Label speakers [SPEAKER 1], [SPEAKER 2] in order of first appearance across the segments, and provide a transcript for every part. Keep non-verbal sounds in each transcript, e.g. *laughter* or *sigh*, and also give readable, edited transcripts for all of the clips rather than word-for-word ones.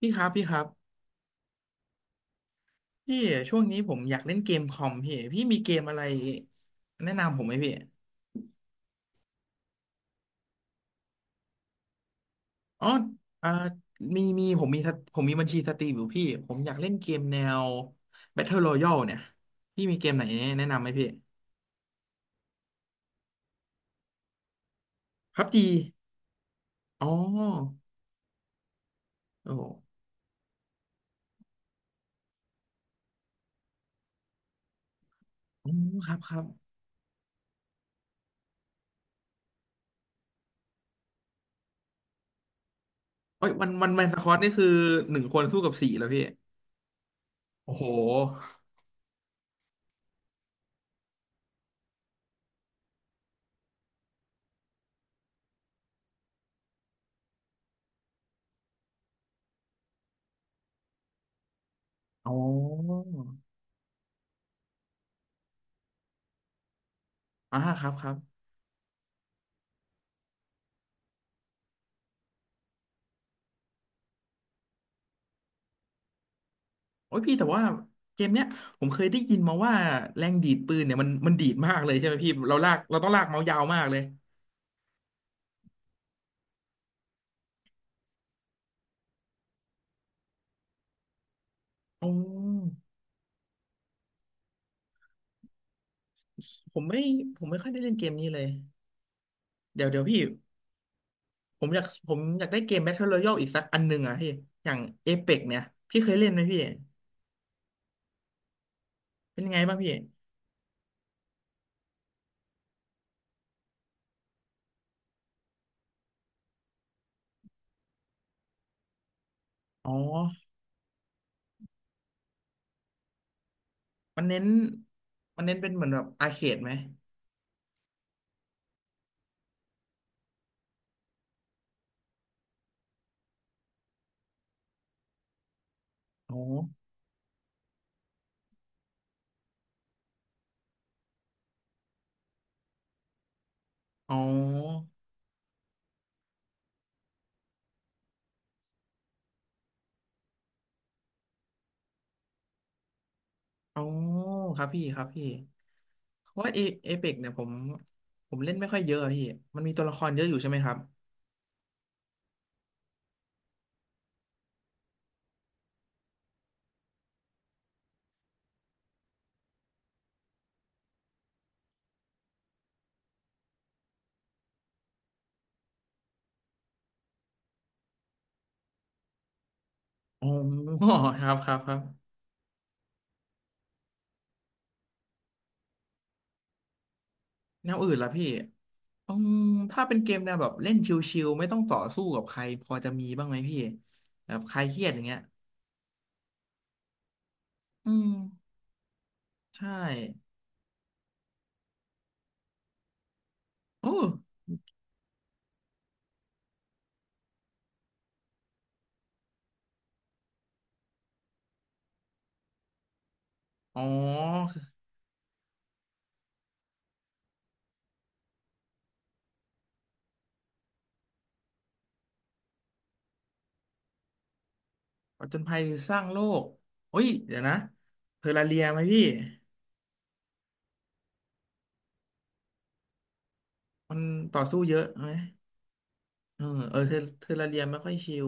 [SPEAKER 1] พี่ครับพี่ครับพี่ช่วงนี้ผมอยากเล่นเกมคอมพี่มีเกมอะไรแนะนำผมไหมพี่อ๋ออ่ามีผมมีบัญชีสตรีมอยู่พี่ผมอยากเล่นเกมแนว Battle Royale เนี่ยพี่มีเกมไหนแนะนำไหมพี่พับจีอ๋อโอ้โหอืมครับครับโอ้ยวันแมนสคอตนี่คือหนึ่งคนสู้กับสี่แล้วพี่โอ้โหอ๋ออ่าครับครับ โอ้ยพี่แต่ว่าเกมเนี้ยผมเคยได้ยินมาว่าแรงดีดปืนเนี่ยมันดีดมากเลยใช่ไหมพี่เราลากเราต้องลากเมาส์ยาวมากเลยอ๋อผมไม่ผมไม่ค่อยได้เล่นเกมนี้เลยเดี๋ยวเดี๋ยวพี่ผมอยากได้เกม Battle Royale อีกสักอันหนึ่งอ่ะพี่อย่าง Apex เนี่ยพี่เคยเล่นไหมพี่เป็นยังไงบ้างพี่อ๋อมันเน้นมันเน้นเป็นเหมือนแบบอาร์เคดไหมอ๋ออ๋ออ๋อครับพี่ครับพี่ เพราะว่าเอเปกเนี่ยผมเล่นไม่ค่อยเยอะอะพี่มันมีตัวละครเยอะอยู่ใช่ไหมครับอ๋อครับครับครับแนวอื่นล่ะพี่อืมถ้าเป็นเกมแนวแบบเล่นชิลๆไม่ต้องต่อสู้กับใครพอจะมีบ้างไหมพี่แบบใครเครียดอย่างเงี้ยอืมใช่โอ้อ๋อผจญภัยสร้างโลกเฮ้ยเดี๋ยวนะเทอร์ราเรียไหมพี่มันต่อสู้เยอะไหมเออเออเทอร์ราเรียไม่ค่อยชิล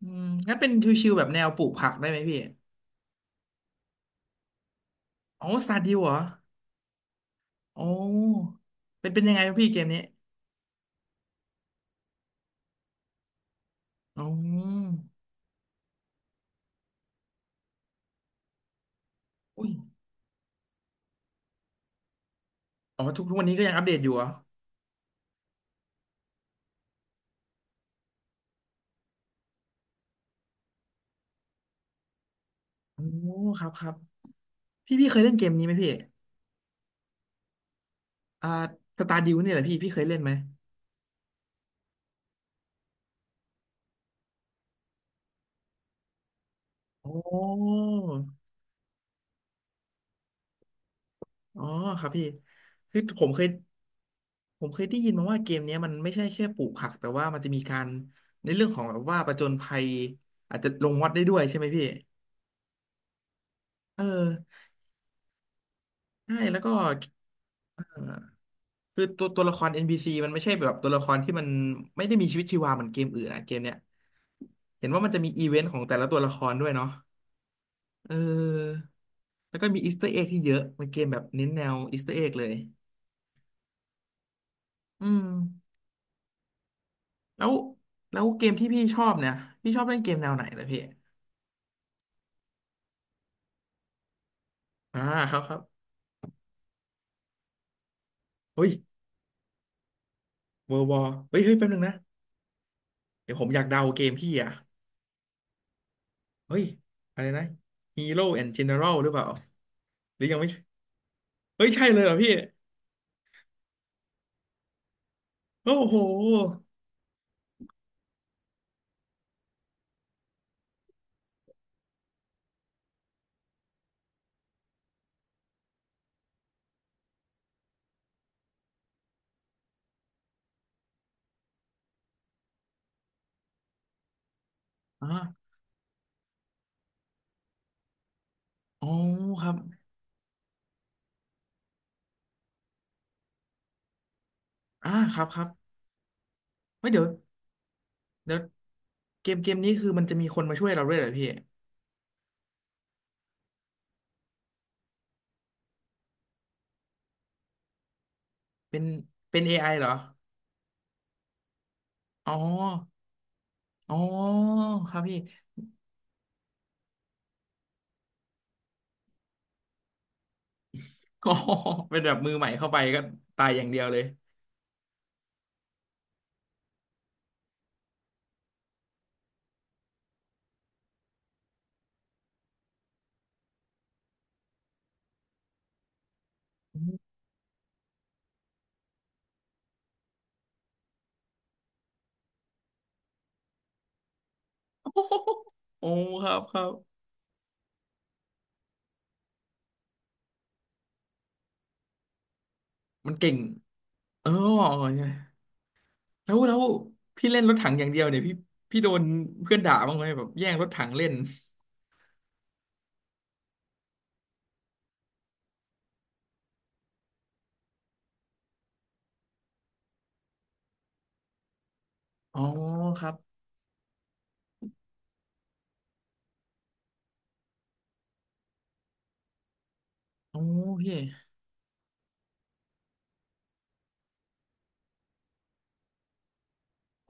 [SPEAKER 1] อืมงั้นเป็นชิวๆแบบแนวปลูกผักได้ไหมพี่ อ๋อสตาร์ดิวเหรออ๋อเป็นยังไงพี่เกมนี้อ๋ออุ้ยอ๋อทุกวันนี้ก็ยังอัปเดตอยู่เหรออ๋อครับครับพี่เคยเล่นเกมนี้ไหมพี่อ่าสตาร์ดิวนี่แหละพี่เคยเล่นไหมโอ้อ๋อครับพี่คือผมเคยได้ยินมาว่าเกมเนี้ยมันไม่ใช่แค่ปลูกผักแต่ว่ามันจะมีการในเรื่องของแบบว่าผจญภัยอาจจะลงวัดได้ด้วยใช่ไหมพี่เออใช่แล้วก็เออ คือตัวละคร NPC มันไม่ใช่แบบตัวละครที่มันไม่ได้มีชีวิตชีวาเหมือนเกมอื่นอะเกมเนี้ยเห็นว่ามันจะมีอีเวนต์ของแต่ละตัวละครด้วยเนาะเออแล้วก็มีอีสเตอร์เอ็กที่เยอะเป็นเกมแบบเน้นแนวอีสเตอร์เอ็กเลยอืมแล้วแล้วเกมที่พี่ชอบเนี่ยพี่ชอบเล่นเกมแนวไหนเหรอพี่อ่าครับครับเฮ้ยเวอร์วอเฮ้ยเฮ้ยแป๊บนึงนะเดี๋ยวผมอยากเดาเกมพี่อ่ะเฮ้ยอะไรนะ Hero and General หรือเปล่าหรือยังไม่เฮ้ยใช่เลยเหรอพี่โอ้โหอ่าอ๋อครับ อ่าครับครับเฮ้ยเดี๋ยวเดี๋ยวเกมนี้คือมันจะมีคนมาช่วยเราด้วยเหรอพี่เป็นเป็น AI เหรออ๋ออ๋อครับพี่ *laughs* อ๋อเป็นแบบมือใหม่เข้าไปก็ตายอย่างเดียวเลย *laughs* โอ้โหโอ้ครับครับมันเก่งเออเนี่ยแล้วพี่เล่นรถถังอย่างเดียวเนี่ยพี่พี่โดนเพื่อนด่าบ้างไหมแบบแย่งรถถังเล่น *laughs* อ๋อครับอ๋อพี่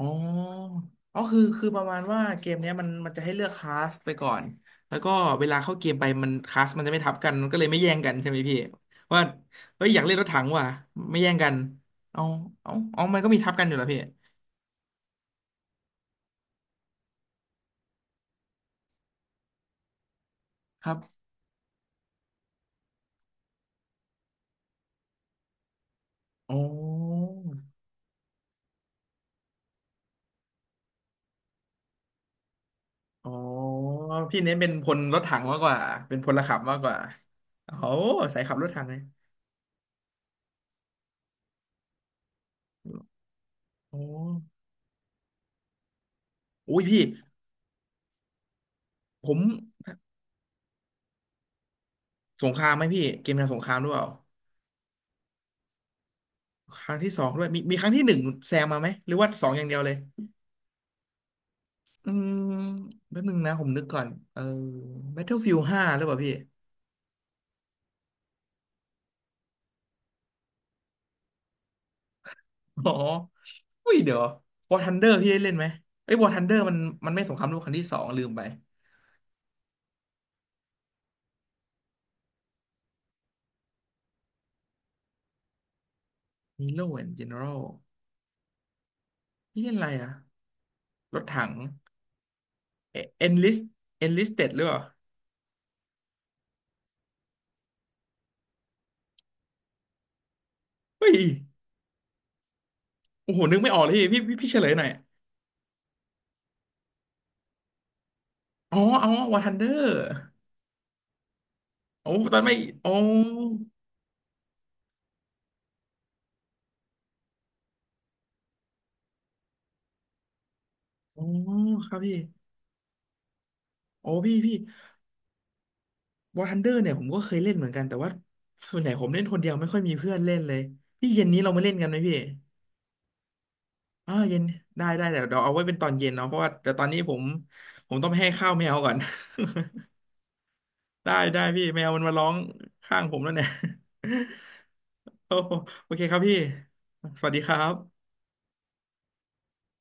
[SPEAKER 1] อ๋ออ๋อคือประมาณว่าเกมเนี้ยมันจะให้เลือกคลาสไปก่อนแล้วก็เวลาเข้าเกมไปมันคลาสมันจะไม่ทับกันมันก็เลยไม่แย่งกันใช่ไหมพี่ว่าเฮ้ยอยากเล่นรถถังว่ะไม่แย่งกันเอาเอามันก็มีทับกันอยู่แล้วพี่ครับอ๋ออ๋อพี่เน้นเป็นพลรถถังมากกว่าเป็นพลขับมากกว่าโอ้โหสายขับรถถังเลยโอ้โอ้ยพี่ ผมสงครามไหมพี่ เกมแนวสงครามหรือเปล่า ครั้งที่สองด้วยมีครั้งที่หนึ่งแซงมาไหมหรือว่าสองอย่างเดียวเลยอืมแป๊บนึงนะผมนึกก่อนเออ Battlefield ห้าหรือเปล่าพี่อ๋ออุ้ยเดี๋ยว War Thunder พี่ได้เล่นไหมเอ้ย War Thunder มันไม่สงครามโลกครั้งที่สองลืมไป Hero and General พี่เล่นอะไรอะรถถังเอ Enlist Enlisted หรือเปล่าเฮ้ยโอ้โหนึกไม่ออกเลยพี่เฉลยหน่อยอ๋ออ๋อ War Thunder โอ้ตอนไม่อ๋ออ๋อครับพี่โอ้พี่ วอร์ทันเดอร์เนี่ยผมก็เคยเล่นเหมือนกันแต่ว่าส่วนใหญ่ผมเล่นคนเดียวไม่ค่อยมีเพื่อนเล่นเลยพี่เย็นนี้เรามาเล่นกันไหมพี่อ่าเย็นได้ได้เดี๋ยวเดี๋ยวเอาไว้เป็นตอนเย็นเนาะเพราะว่าเดี๋ยวตอนนี้ผมต้องไปให้ข้าวแมวก่อน *laughs* ได้ได้พี่แมวมันมาร้องข้างผมแล้วเนี่ย *laughs* โอ้โหโอเคครับพี่สวัสดีครับ